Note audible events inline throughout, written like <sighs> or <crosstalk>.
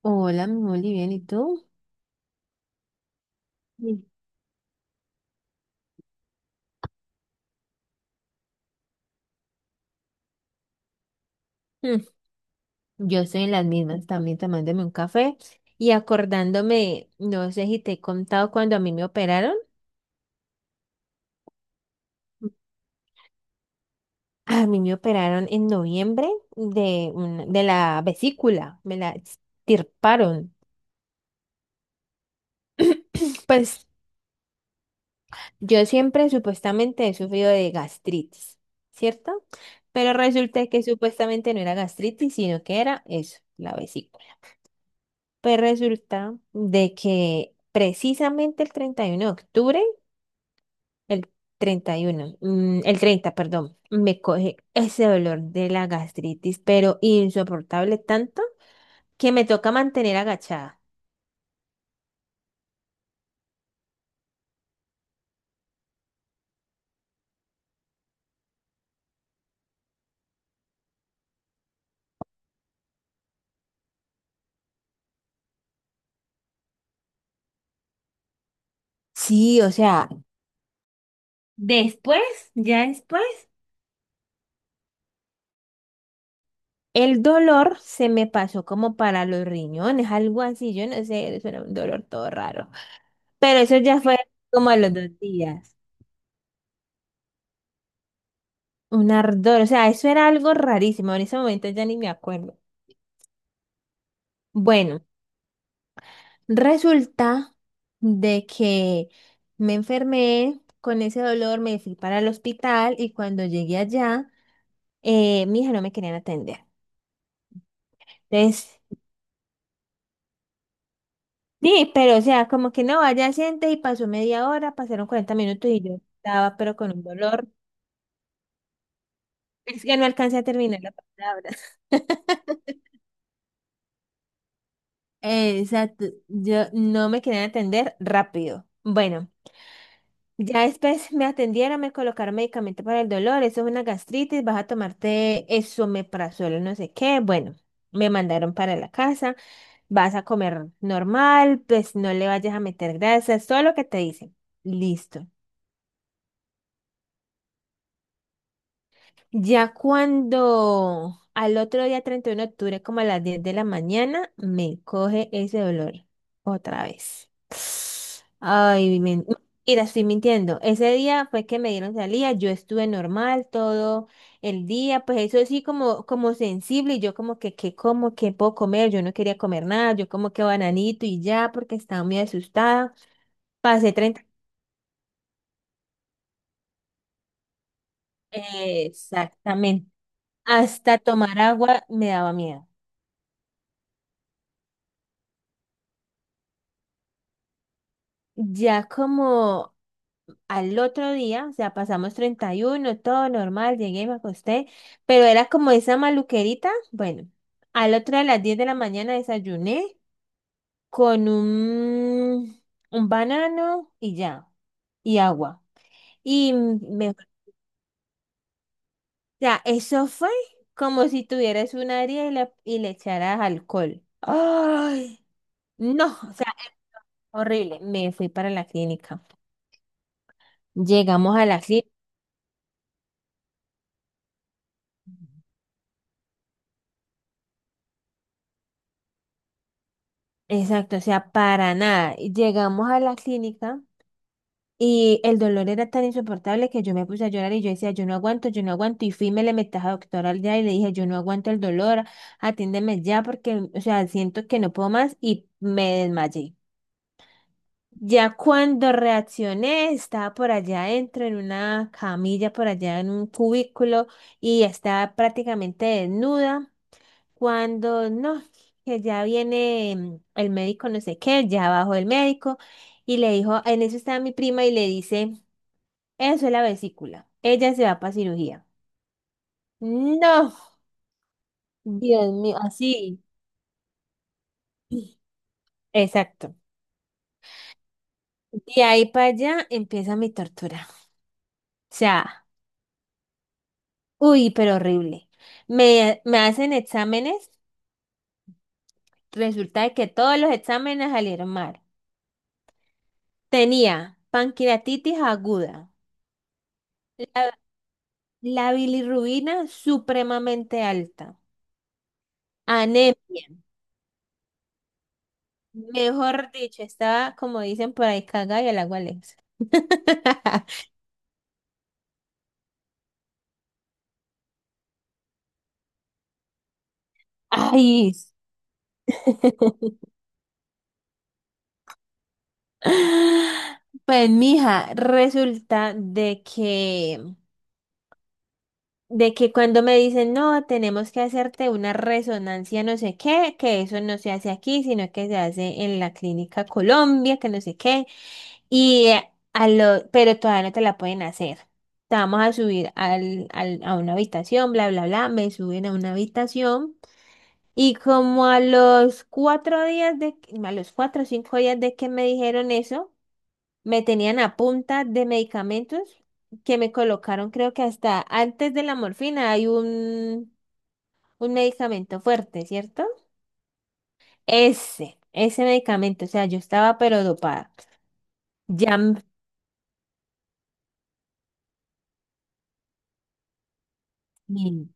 Hola, mi Moli, bien, ¿y tú? Mm. Mm, Yo estoy en las mismas, también tomándome un café y acordándome, no sé si te he contado cuando a mí me operaron. A mí me operaron en noviembre de la vesícula, me la extirparon. Pues yo siempre supuestamente he sufrido de gastritis, ¿cierto? Pero resulta que supuestamente no era gastritis, sino que era eso, la vesícula. Pues resulta de que precisamente el 31 de octubre, el 31, el 30, perdón, me coge ese dolor de la gastritis, pero insoportable tanto que me toca mantener agachada. Sí, o sea, después, ya después, el dolor se me pasó como para los riñones, algo así, yo no sé, eso era un dolor todo raro. Pero eso ya fue como a los 2 días. Un ardor, o sea, eso era algo rarísimo, en ese momento ya ni me acuerdo. Bueno, resulta de que me enfermé con ese dolor, me fui para el hospital y cuando llegué allá, mi hija no me querían atender. Entonces, sí, pero o sea, como que no, allá siente y pasó media hora, pasaron 40 minutos y yo estaba, pero con un dolor. Es que no alcancé a terminar la palabra. <laughs> Exacto, yo no me querían atender rápido. Bueno, ya después me atendieron, me colocaron medicamento para el dolor, eso es una gastritis, vas a tomarte eso, suelo no sé qué. Bueno, me mandaron para la casa, vas a comer normal, pues no le vayas a meter grasa, es todo lo que te dicen. Listo. Ya cuando al otro día, 31 de octubre, como a las 10 de la mañana, me coge ese dolor otra vez. <sighs> Ay, mira, estoy mintiendo. Ese día fue que me dieron salida, yo estuve normal todo el día, pues eso sí como sensible, y yo como que, ¿qué como? ¿Qué puedo comer? Yo no quería comer nada, yo como que bananito y ya, porque estaba muy asustada. Pasé treinta exactamente. Hasta tomar agua me daba miedo. Ya como al otro día, o sea, pasamos 31 todo normal, llegué y me acosté, pero era como esa maluquerita. Bueno, al otro día a las 10 de la mañana desayuné con un banano y ya, y agua. O sea, eso fue como si tuvieras un área y le echaras alcohol. ¡Ay! No, o sea, horrible. Me fui para la clínica. Llegamos a la clínica. Exacto, o sea, para nada. Y llegamos a la clínica y el dolor era tan insoportable que yo me puse a llorar y yo decía, yo no aguanto, yo no aguanto. Y fui, y me le metí a la doctora al día y le dije, yo no aguanto el dolor, atiéndeme ya porque, o sea, siento que no puedo más y me desmayé. Ya cuando reaccioné, estaba por allá adentro en una camilla, por allá en un cubículo y estaba prácticamente desnuda cuando no, que ya viene el médico, no sé qué, ya bajó el médico y le dijo, en eso está mi prima y le dice, eso es la vesícula, ella se va para cirugía. No, Dios mío, así. Exacto. De ahí para allá empieza mi tortura. O sea, uy, pero horrible. Me hacen exámenes, resulta de que todos los exámenes salieron mal. Tenía pancreatitis aguda. La bilirrubina supremamente alta. Anemia. Mejor dicho, estaba, como dicen por ahí, cagada y al agua Alexa. <laughs> Ay, sí. Pues, mija, resulta de que cuando me dicen, no, tenemos que hacerte una resonancia, no sé qué, que eso no se hace aquí, sino que se hace en la clínica Colombia, que no sé qué. Y pero todavía no te la pueden hacer. Te vamos a subir a una habitación, bla, bla, bla. Me suben a una habitación. Y como a los 4 o 5 días de que me dijeron eso, me tenían a punta de medicamentos que me colocaron, creo que hasta antes de la morfina hay un medicamento fuerte, ¿cierto? Ese medicamento, o sea, yo estaba pero dopada. Ya, mm,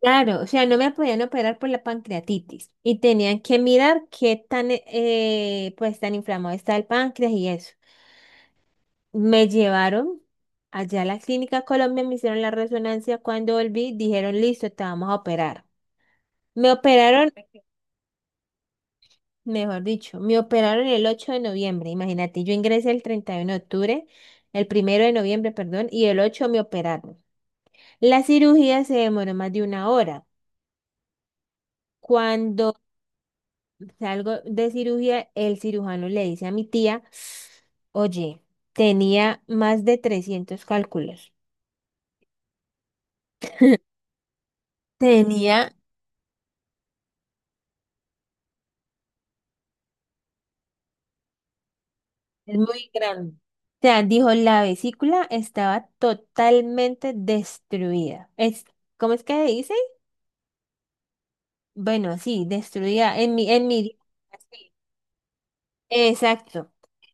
claro, o sea, no me podían operar por la pancreatitis y tenían que mirar qué tan, pues, tan inflamado está el páncreas y eso. Me llevaron allá a la clínica Colombia, me hicieron la resonancia. Cuando volví, dijeron, listo, te vamos a operar. Me operaron, mejor dicho, me operaron el 8 de noviembre. Imagínate, yo ingresé el 31 de octubre, el primero de noviembre, perdón, y el 8 me operaron. La cirugía se demoró más de una hora. Cuando salgo de cirugía, el cirujano le dice a mi tía, oye, tenía más de 300 cálculos. Tenía, Es muy grande. O sea, dijo, la vesícula estaba totalmente destruida. Es, ¿cómo es que dice? Bueno, sí, destruida en mi, así. Exacto.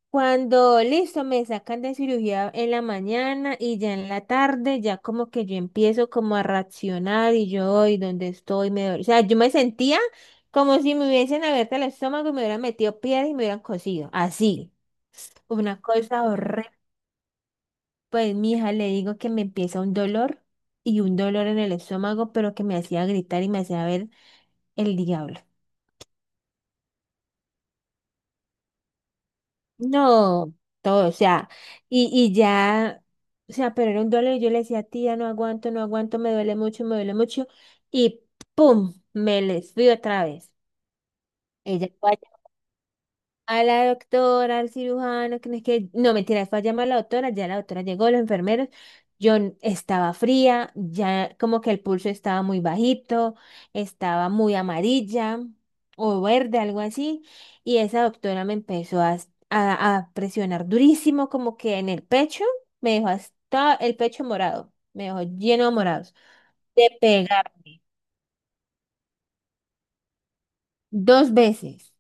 Cuando listo, me sacan de cirugía en la mañana y ya en la tarde, ya como que yo empiezo como a reaccionar y donde estoy, me duele. O sea, yo me sentía como si me hubiesen abierto el estómago y me hubieran metido piedras y me hubieran cosido. Así, una cosa horrible. Pues mi hija le digo que me empieza un dolor y un dolor en el estómago, pero que me hacía gritar y me hacía ver el diablo. No, todo, o sea, y ya, o sea, pero era un dolor y yo le decía, tía, no aguanto, no aguanto, me duele mucho, y pum, me les fui otra vez. Ella a la doctora, al cirujano, que no es que, no, mentira, fue a llamar a la doctora, ya la doctora llegó, los enfermeros, yo estaba fría, ya como que el pulso estaba muy bajito, estaba muy amarilla o verde, algo así, y esa doctora me empezó a presionar durísimo, como que en el pecho, me dejó hasta el pecho morado, me dejó lleno de morados, de pegarme 2 veces,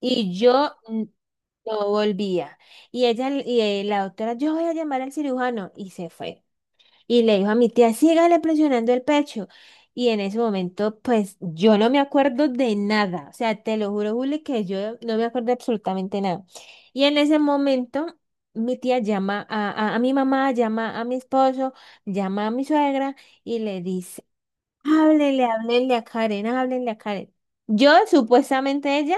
y yo no volvía. Y ella, la doctora, yo voy a llamar al cirujano. Y se fue. Y le dijo a mi tía, sígale presionando el pecho. Y en ese momento, pues yo no me acuerdo de nada. O sea, te lo juro, Juli, que yo no me acuerdo de absolutamente nada. Y en ese momento, mi tía llama a mi mamá, llama a mi esposo, llama a mi suegra y le dice, háblele, háblenle a Karen, háblenle a Karen. Yo, supuestamente ella,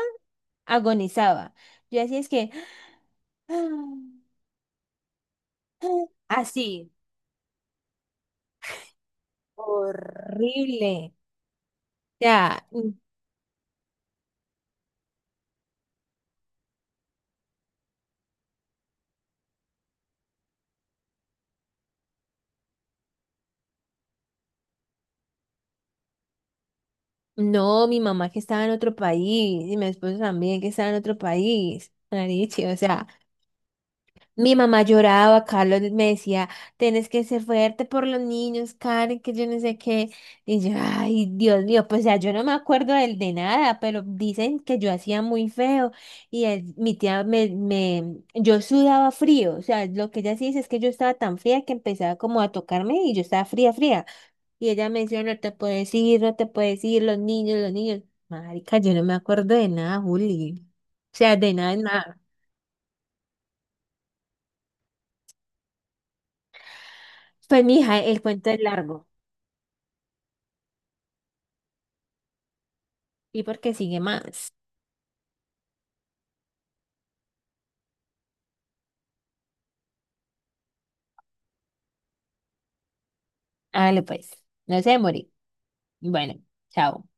agonizaba. Yo así es que... Así, horrible. O sea, no, mi mamá que estaba en otro país y mi esposo también que estaba en otro país. Marichi, o sea, mi mamá lloraba, Carlos me decía, tienes que ser fuerte por los niños, Karen, que yo no sé qué. Y yo, ay, Dios mío, pues ya yo no me acuerdo del de nada, pero dicen que yo hacía muy feo. Y mi tía yo sudaba frío. O sea, lo que ella sí dice es que yo estaba tan fría que empezaba como a tocarme y yo estaba fría, fría. Y ella me decía, no te puedes ir, no te puedes ir, los niños, los niños. Marica, yo no me acuerdo de nada, Juli. O sea, de nada, de nada. Pues, mija, el cuento es largo. Y porque sigue más. Hágale pues. No se demore. Bueno, chao.